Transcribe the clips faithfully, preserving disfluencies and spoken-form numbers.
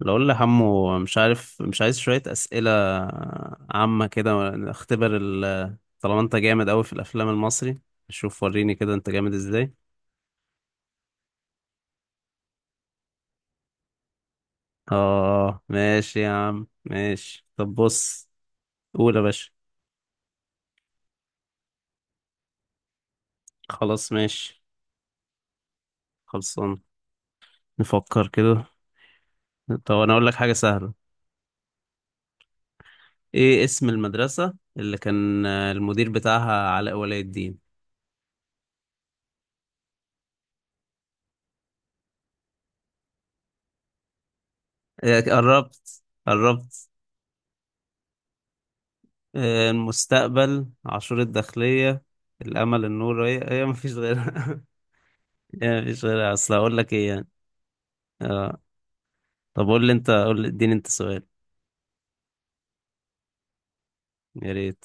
لو قول لحمو مش عارف مش عايز شوية أسئلة عامة كده. اختبر ال طالما انت جامد أوي في الأفلام المصري. شوف وريني كده انت جامد ازاي. اه ماشي يا عم ماشي، طب بص. قول يا باشا، خلاص ماشي. خلصان، نفكر كده. طب انا اقول لك حاجة سهلة. ايه اسم المدرسة اللي كان آه، المدير بتاعها علاء ولي الدين؟ إيه، قربت قربت. آه، المستقبل، عاشور الداخلية، الأمل، النور. هي هي مفيش غيرها. هي مفيش غيرها، أصل هقول لك إيه يعني. آه. طب قول لي أنت، قول لي اديني أنت سؤال. يا ريت.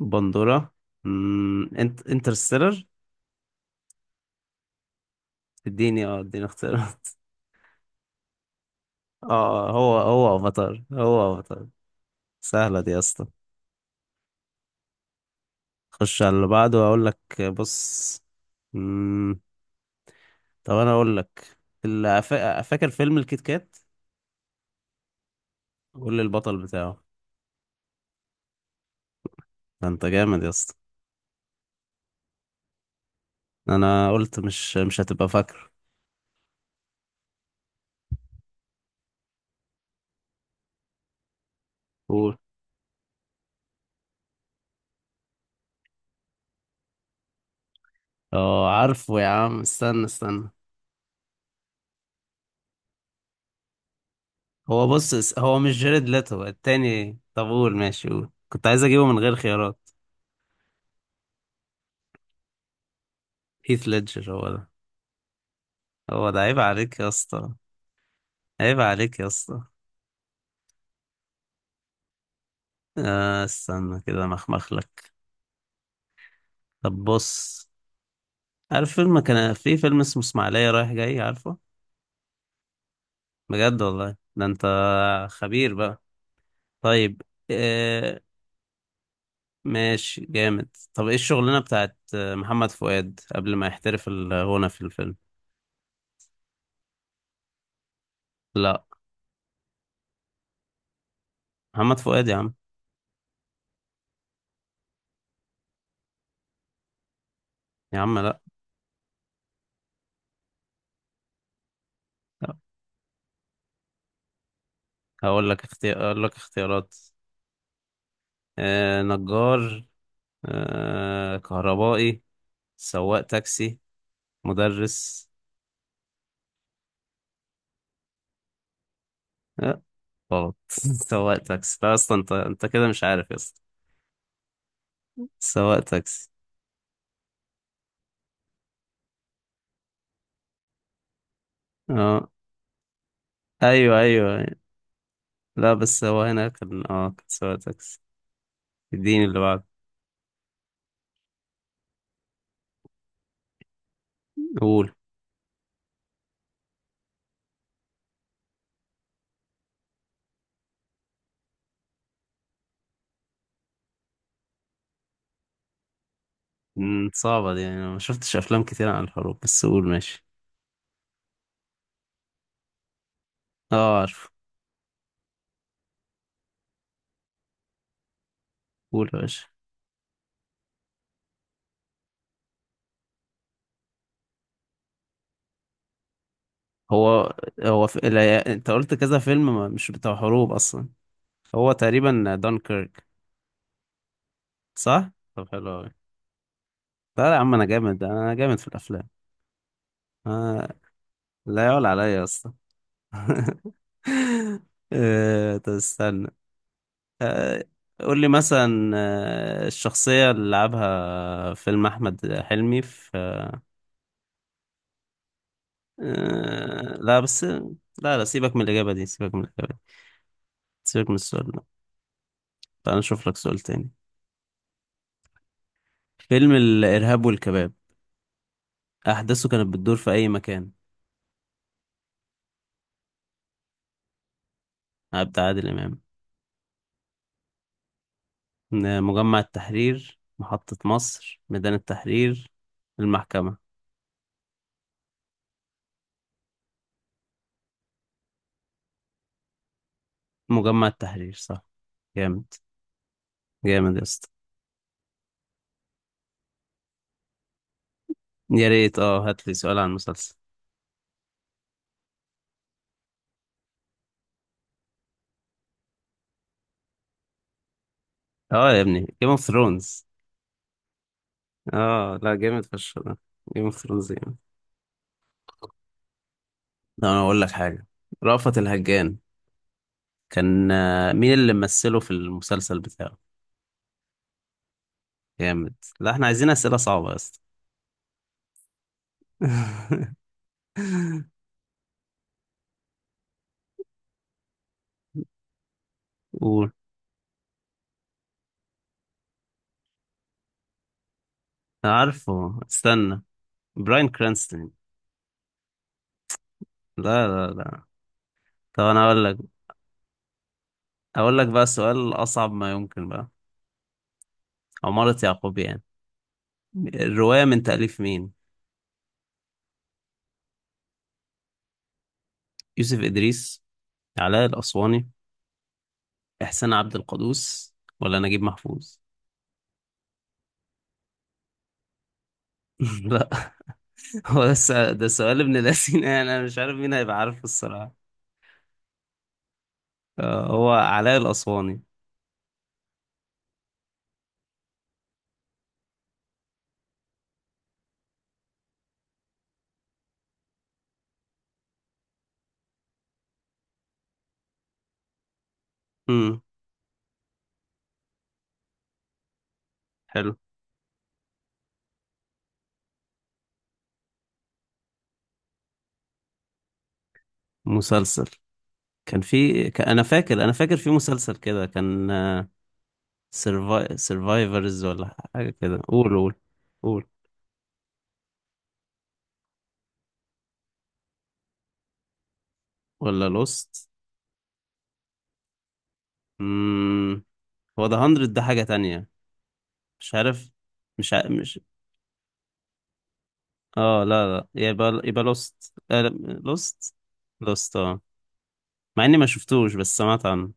بندورة. مم. انت انترستيلر؟ اديني اه اديني اختيار. اه، هو هو افاتار، هو افاتار. سهلة دي يا اسطى. خش على اللي بعده وأقول لك، بص. مم. طب أنا أقول لك اللي، فاكر فيلم الكيت كات؟ قول لي البطل بتاعه. ده أنت جامد يا اسطى. انا قلت مش مش هتبقى فاكره. قول. اه عارفه يا عم، استنى استنى. هو بص، اس- هو مش جيرد ليتو التاني؟ طب قول ماشي، قول، كنت عايز اجيبه من غير خيارات. هيث ليدجر هو ده. هو ده، عيب عليك يا اسطى. عيب عليك يا اسطى. آه استنى كده مخمخ لك. طب بص، عارف فيلم، كان في فيلم اسمه اسماعيلية رايح جاي، عارفه؟ بجد والله ده انت خبير بقى. طيب. آه، ماشي جامد. طب ايه الشغلانة بتاعت محمد فؤاد قبل ما يحترف الغنى في الفيلم؟ لا. محمد فؤاد يا عم. يا عم لا. لا. هقول لك اختي... اقول لك اختيارات. آه نجار، آه كهربائي، سواق تاكسي، مدرس. آه غلط. سواق تاكسي. لا اصلا انت انت كده مش عارف يا اسطى. سواق تاكسي. اه، ايوه ايوه. لا بس هو هنا كان اه، كان سواق تاكسي. اديني اللي بعده. قول. مم، صعبة دي، يعني أنا ما شفتش أفلام كتير عن الحروب، بس قول ماشي. اه عارف. قول يا باشا. هو هو في... لا... أنت قلت كذا فيلم، ما... مش بتاع حروب أصلا. هو تقريبا دانكيرك. صح؟ طب حلو أوي. لا لا يا عم، أنا جامد، أنا جامد في الأفلام. آه... لا يعلى عليا يا اسطى. آه... طب استنى. آه... قول لي مثلا آه... الشخصية اللي لعبها فيلم أحمد حلمي في، آه لا بس لا لا، سيبك من الإجابة دي، سيبك من الإجابة دي. سيبك من السؤال ده. تعال نشوف لك سؤال تاني. فيلم الإرهاب والكباب، أحداثه كانت بتدور في أي مكان؟ عبد عادل إمام. ن- مجمع التحرير، محطة مصر، ميدان التحرير، المحكمة. مجمع التحرير صح. جامد، جامد يا اسطى. يا ريت، اه هات لي سؤال عن مسلسل. اه يا ابني، جيم اوف ثرونز. اه لا جامد فشخ ده. جيم اوف ثرونز جامد. طب انا اقول لك حاجه، رأفت الهجان. كان آه، مين اللي ممثله في المسلسل بتاعه؟ جامد. لا احنا عايزين اسئله صعبه يا اسطى. قول. عارفه استنى. براين كرانستون. لا لا لا. طب انا اقول لك، اقول لك بقى سؤال اصعب ما يمكن بقى. عمارة يعقوب يعني، الروايه من تاليف مين؟ يوسف ادريس، علاء الاسواني، احسان عبد القدوس، ولا نجيب محفوظ؟ لا. هو ده سؤال، ده سؤال ابن لذين يعني، انا مش عارف مين هيبقى عارفه الصراحه. آه، هو علاء الاسواني. امم. حلو. مسلسل. كان في ك- انا فاكر، انا فاكر في مسلسل كده كان سيرفايفرز ولا حاجه كده. قول قول. قول. ولا لوست. امم. هو ده مية، ده حاجه تانية. مش عارف. مش ع... مش اه لا لا، يبقى يبقى لوست. لوست. لوست اه. مع اني ما شفتوش بس سمعت عنه.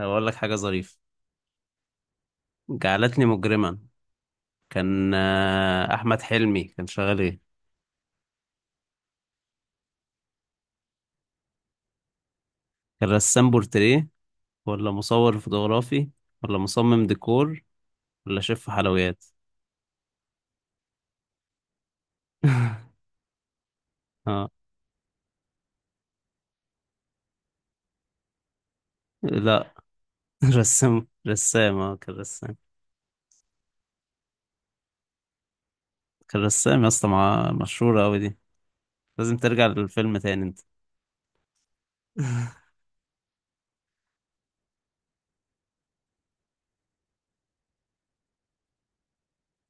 هقول لك حاجه ظريفه، جعلتني مجرما. كان آه، احمد حلمي كان شغال ايه؟ كان رسام بورتريه، ولا مصور فوتوغرافي، ولا مصمم ديكور، ولا شيف حلويات؟ اه لا. رسام، رسام، اه كان رسام. كان رسام يا اسطى، مع مشهورة أوي دي. لازم ترجع للفيلم تاني انت.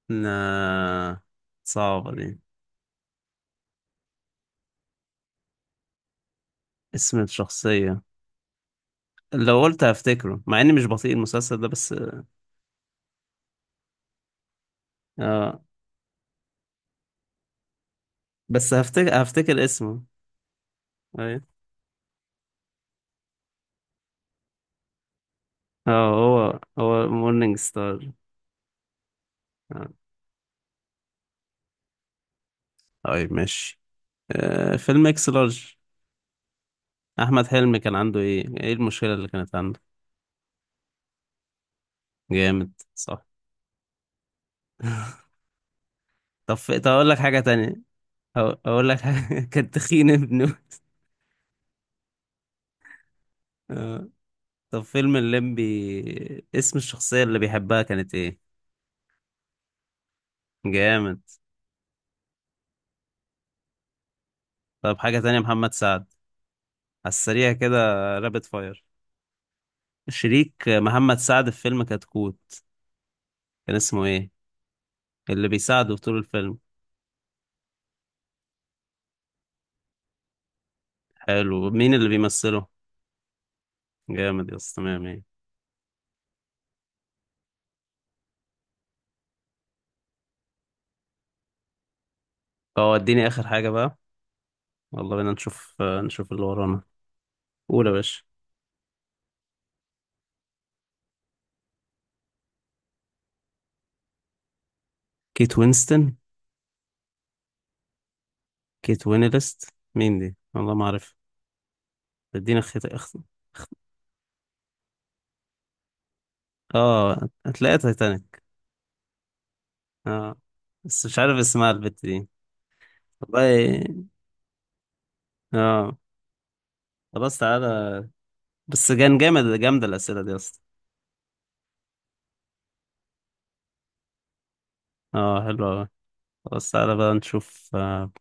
لا، صعبة دي. اسم الشخصية، لو قلت هفتكره، مع اني مش بطيء المسلسل ده بس. آه. بس هفتكر هفتكر اسمه. ايوه. اه، هو هو مورنينج ستار. آه. طيب ماشي. آه فيلم اكس لارج، احمد حلمي كان عنده ايه، ايه المشكله اللي كانت عنده؟ جامد صح. طب في... طب اقول لك حاجه تانية. أو... اقول لك حاجه. كان تخين ابنه. آه. طب فيلم الليمبي، اسم الشخصيه اللي بيحبها كانت ايه؟ جامد. طب حاجه تانية، محمد سعد، على السريع كده، رابط فاير، شريك محمد سعد في فيلم كتكوت، كان اسمه ايه؟ اللي بيساعده طول الفيلم. حلو. مين اللي بيمثله؟ جامد يا اسطى. تمام ايه. وديني اخر حاجه بقى. والله بينا نشوف نشوف اللي ورانا. قول يا باشا. كيت وينستون. كيت وينلست، مين دي والله ما اعرف. ادينا خيط اخت. اه هتلاقيها تايتانيك. اه. بس مش عارف اسمها البت دي. والله. اه. خلاص تعالى. بس كان جامد، جامدة الأسئلة دي أصلا. اه حلوة أوي. خلاص تعالى بقى نشوف آه،